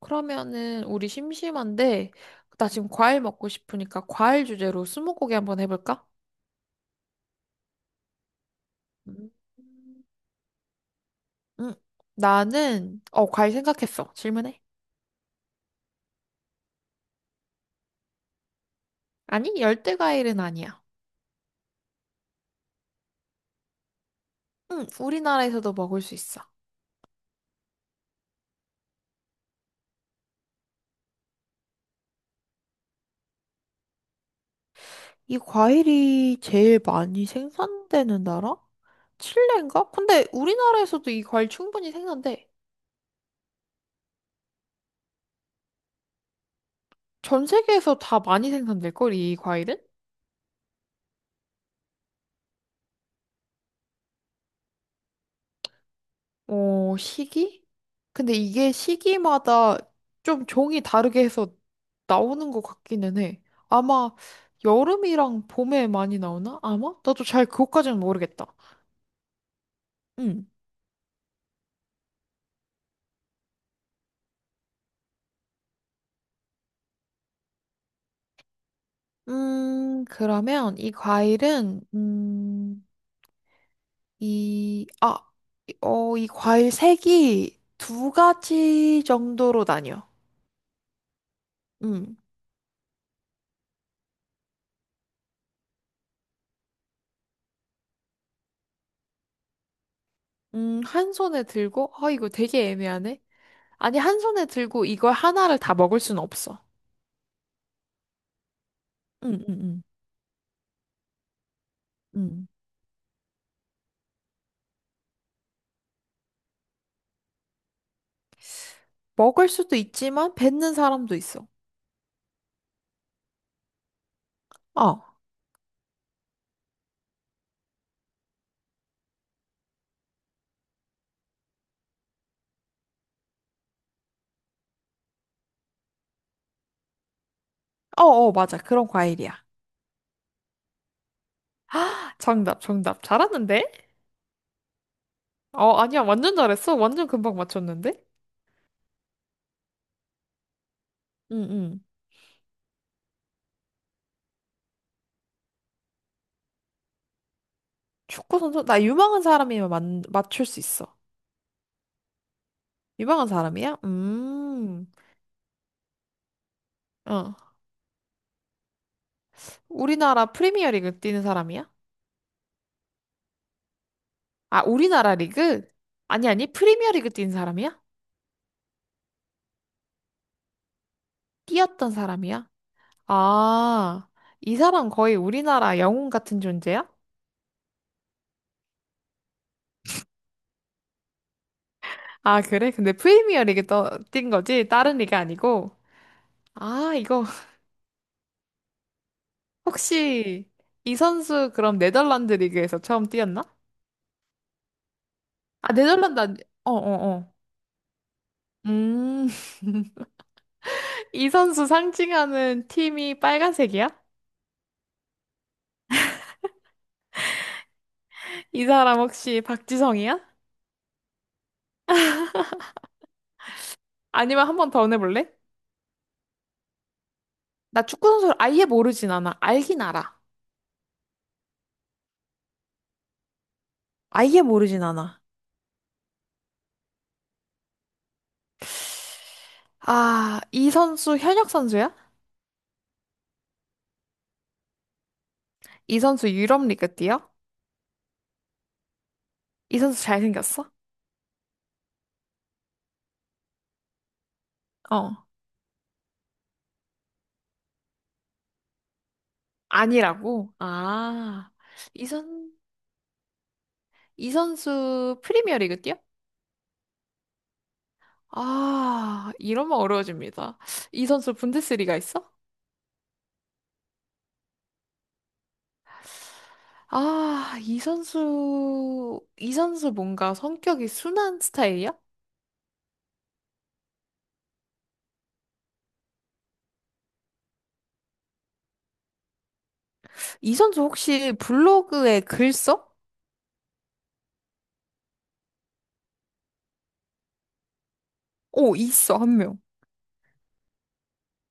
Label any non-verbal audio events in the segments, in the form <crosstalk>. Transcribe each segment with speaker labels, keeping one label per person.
Speaker 1: 그러면은 우리 심심한데 나 지금 과일 먹고 싶으니까 과일 주제로 스무고개 한번 해볼까? 음. 응. 나는 과일 생각했어. 질문해. 아니 열대 과일은 아니야. 응. 우리나라에서도 먹을 수 있어. 이 과일이 제일 많이 생산되는 나라? 칠레인가? 근데 우리나라에서도 이 과일 충분히 생산돼. 전 세계에서 다 많이 생산될걸 이 과일은? 어, 시기? 근데 이게 시기마다 좀 종이 다르게 해서 나오는 것 같기는 해. 아마 여름이랑 봄에 많이 나오나? 아마? 나도 잘 그것까지는 모르겠다. 음. 그러면 이 과일은, 이, 아, 이- 어, 이 과일 색이 두 가지 정도로 나뉘어. 음, 한 손에 들고, 아, 이거 되게 애매하네. 아니, 한 손에 들고 이걸 하나를 다 먹을 순 없어. 응, 응, 응, 응. 먹을 수도 있지만 뱉는 사람도 있어. 어, 어, 어, 맞아. 그런 과일이야. 정답, 정답. 잘하는데? 어, 아니야. 완전 잘했어. 완전 금방 맞췄는데? 응, 응. 축구 선수? 나 유망한 사람이면 맞 맞출 수 있어. 유망한 사람이야? 어. 우리나라 프리미어리그 뛰는 사람이야? 아, 우리나라 리그? 아니, 아니. 프리미어리그 뛰는 사람이야? 뛰었던 사람이야? 아, 이 사람 거의 우리나라 영웅 같은 존재야? 아, 그래? 근데 프리미어 리그 뛴 거지? 다른 리그 아니고? 아, 이거 <laughs> 혹시 이 선수 그럼 네덜란드 리그에서 처음 뛰었나? 아, 네덜란드 아니. 어, 어, 어. 음. <laughs> 이 선수 상징하는 팀이 빨간색이야? 이 사람 혹시 박지성이야? 아니면 한번 더 내볼래? 나 축구 선수를 아예 모르진 않아. 알긴 알아. 아예 모르진 않아. 아, 이 선수 현역 선수야? 이 선수 유럽 리그 뛰어? 이 선수 잘생겼어? 어. 아니라고? 아, 이 선, 이 선수 프리미어리그 뛰어? 아, 이러면 어려워집니다. 이 선수 분데스리가 있어? 아, 이 선수 뭔가 성격이 순한 스타일이야? 이 선수 혹시 블로그에 글 써? 오, 있어, 한 명.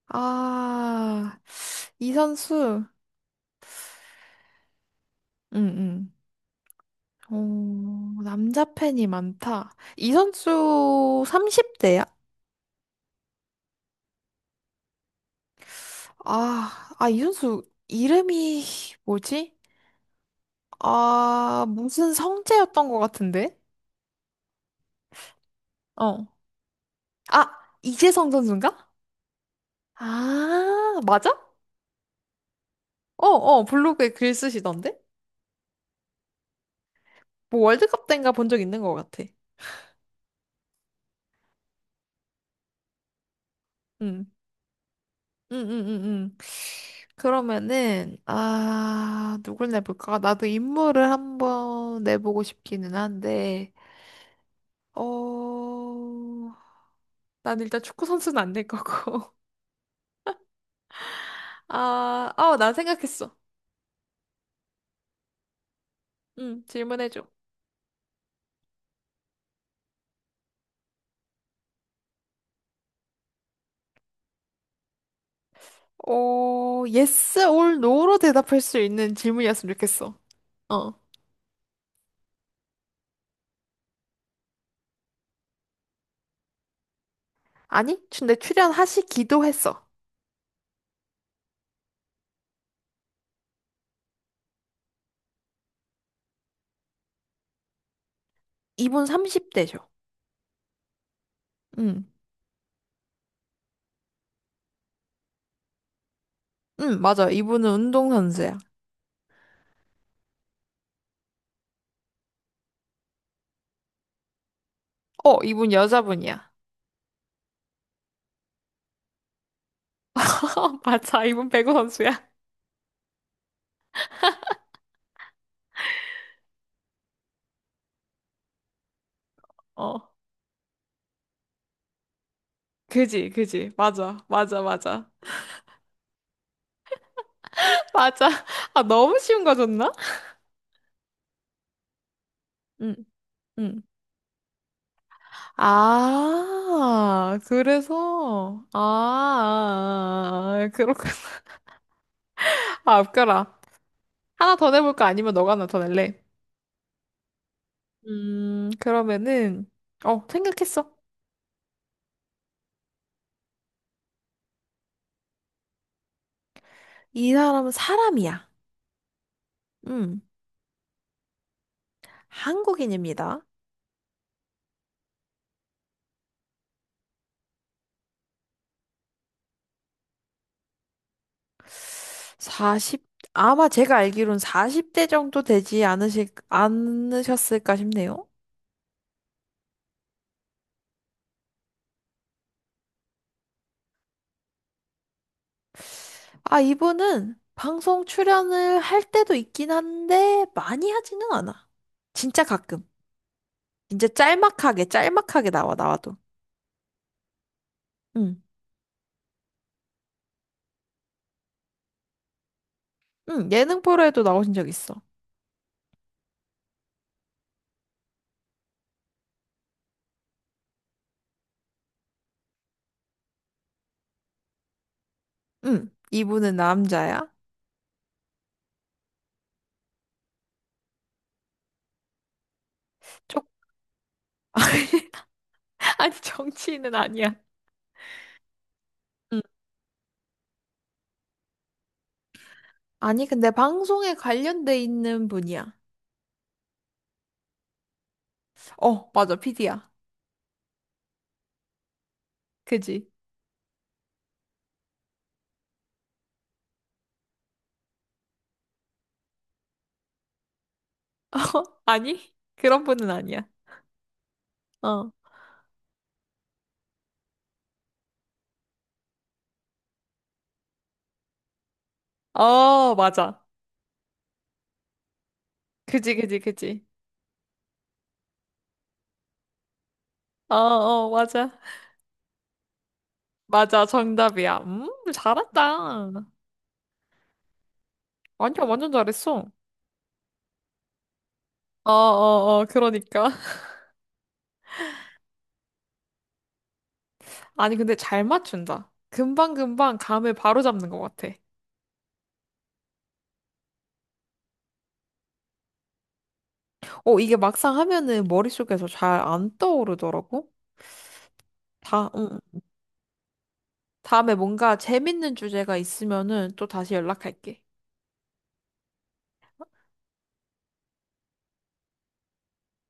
Speaker 1: 아, 이 선수, 응, 응. 어, 남자 팬이 많다. 이 선수 30대야? 아, 아, 이준수 이름이 뭐지? 아, 무슨 성재였던 것 같은데? 어. 아, 이재성 선수인가? 아, 맞아? 어, 어, 블로그에 글 쓰시던데? 뭐 월드컵 때인가 본 적 있는 것 같아. 응, 응, 응, 응, 응. 그러면은, 아, 누굴 내볼까? 나도 인물을 한번 내보고 싶기는 한데, 어, 난 일단 축구 선수는 안 낼 거고. <laughs> 아, 나 생각했어. 응, 질문해줘. Yes or no로 대답할 수 있는 질문이었으면 좋겠어. 어. 아니, 근데 출연하시기도 했어. 이분 30대죠. 응, 응, 맞아. 이분은 운동선수야. 어, 이분 여자분이야. <laughs> <laughs> 맞아, 이분 배구 선수야. 어, 그지, 그지. 맞아, 맞아, 맞아. <laughs> 맞아. 아, 너무 쉬운 거 줬나? 응, 응. 아, 그래서, 아, 아, 아, 아, 그렇구나. <laughs> 아, 웃겨라. 하나 더 내볼까? 아니면 너가 하나 더 낼래? 그러면은, 생각했어. 이 사람은 사람이야. 음, 한국인입니다. 40, 아마 제가 알기론 40대 정도 되지 않으셨을까 싶네요. 아, 이분은 방송 출연을 할 때도 있긴 한데, 많이 하지는 않아. 진짜 가끔. 진짜 짤막하게, 짤막하게 나와도. 응, 응, 예능 프로에도 나오신 적 있어. 응, 이분은 남자야. 쪽, <laughs> <laughs> 아니, 정치인은 아니야. 응. 아니, 근데 방송에 관련돼 있는 분이야. 어, 맞아, PD야. 그지? <laughs> 아니? 그런 분은 아니야. 어. 어, 맞아. 그지, 그지, 그지. 어, 어, 맞아. 맞아, 정답이야. 잘한다. 아니야, 완전 잘했어. 어, 어, 어, 그러니까. <laughs> 아니, 근데 잘 맞춘다. 금방금방 감을 바로잡는 것 같아. 어, 이게 막상 하면은 머릿속에서 잘 안 떠오르더라고. 응, 다음에 뭔가 재밌는 주제가 있으면은 또 다시 연락할게.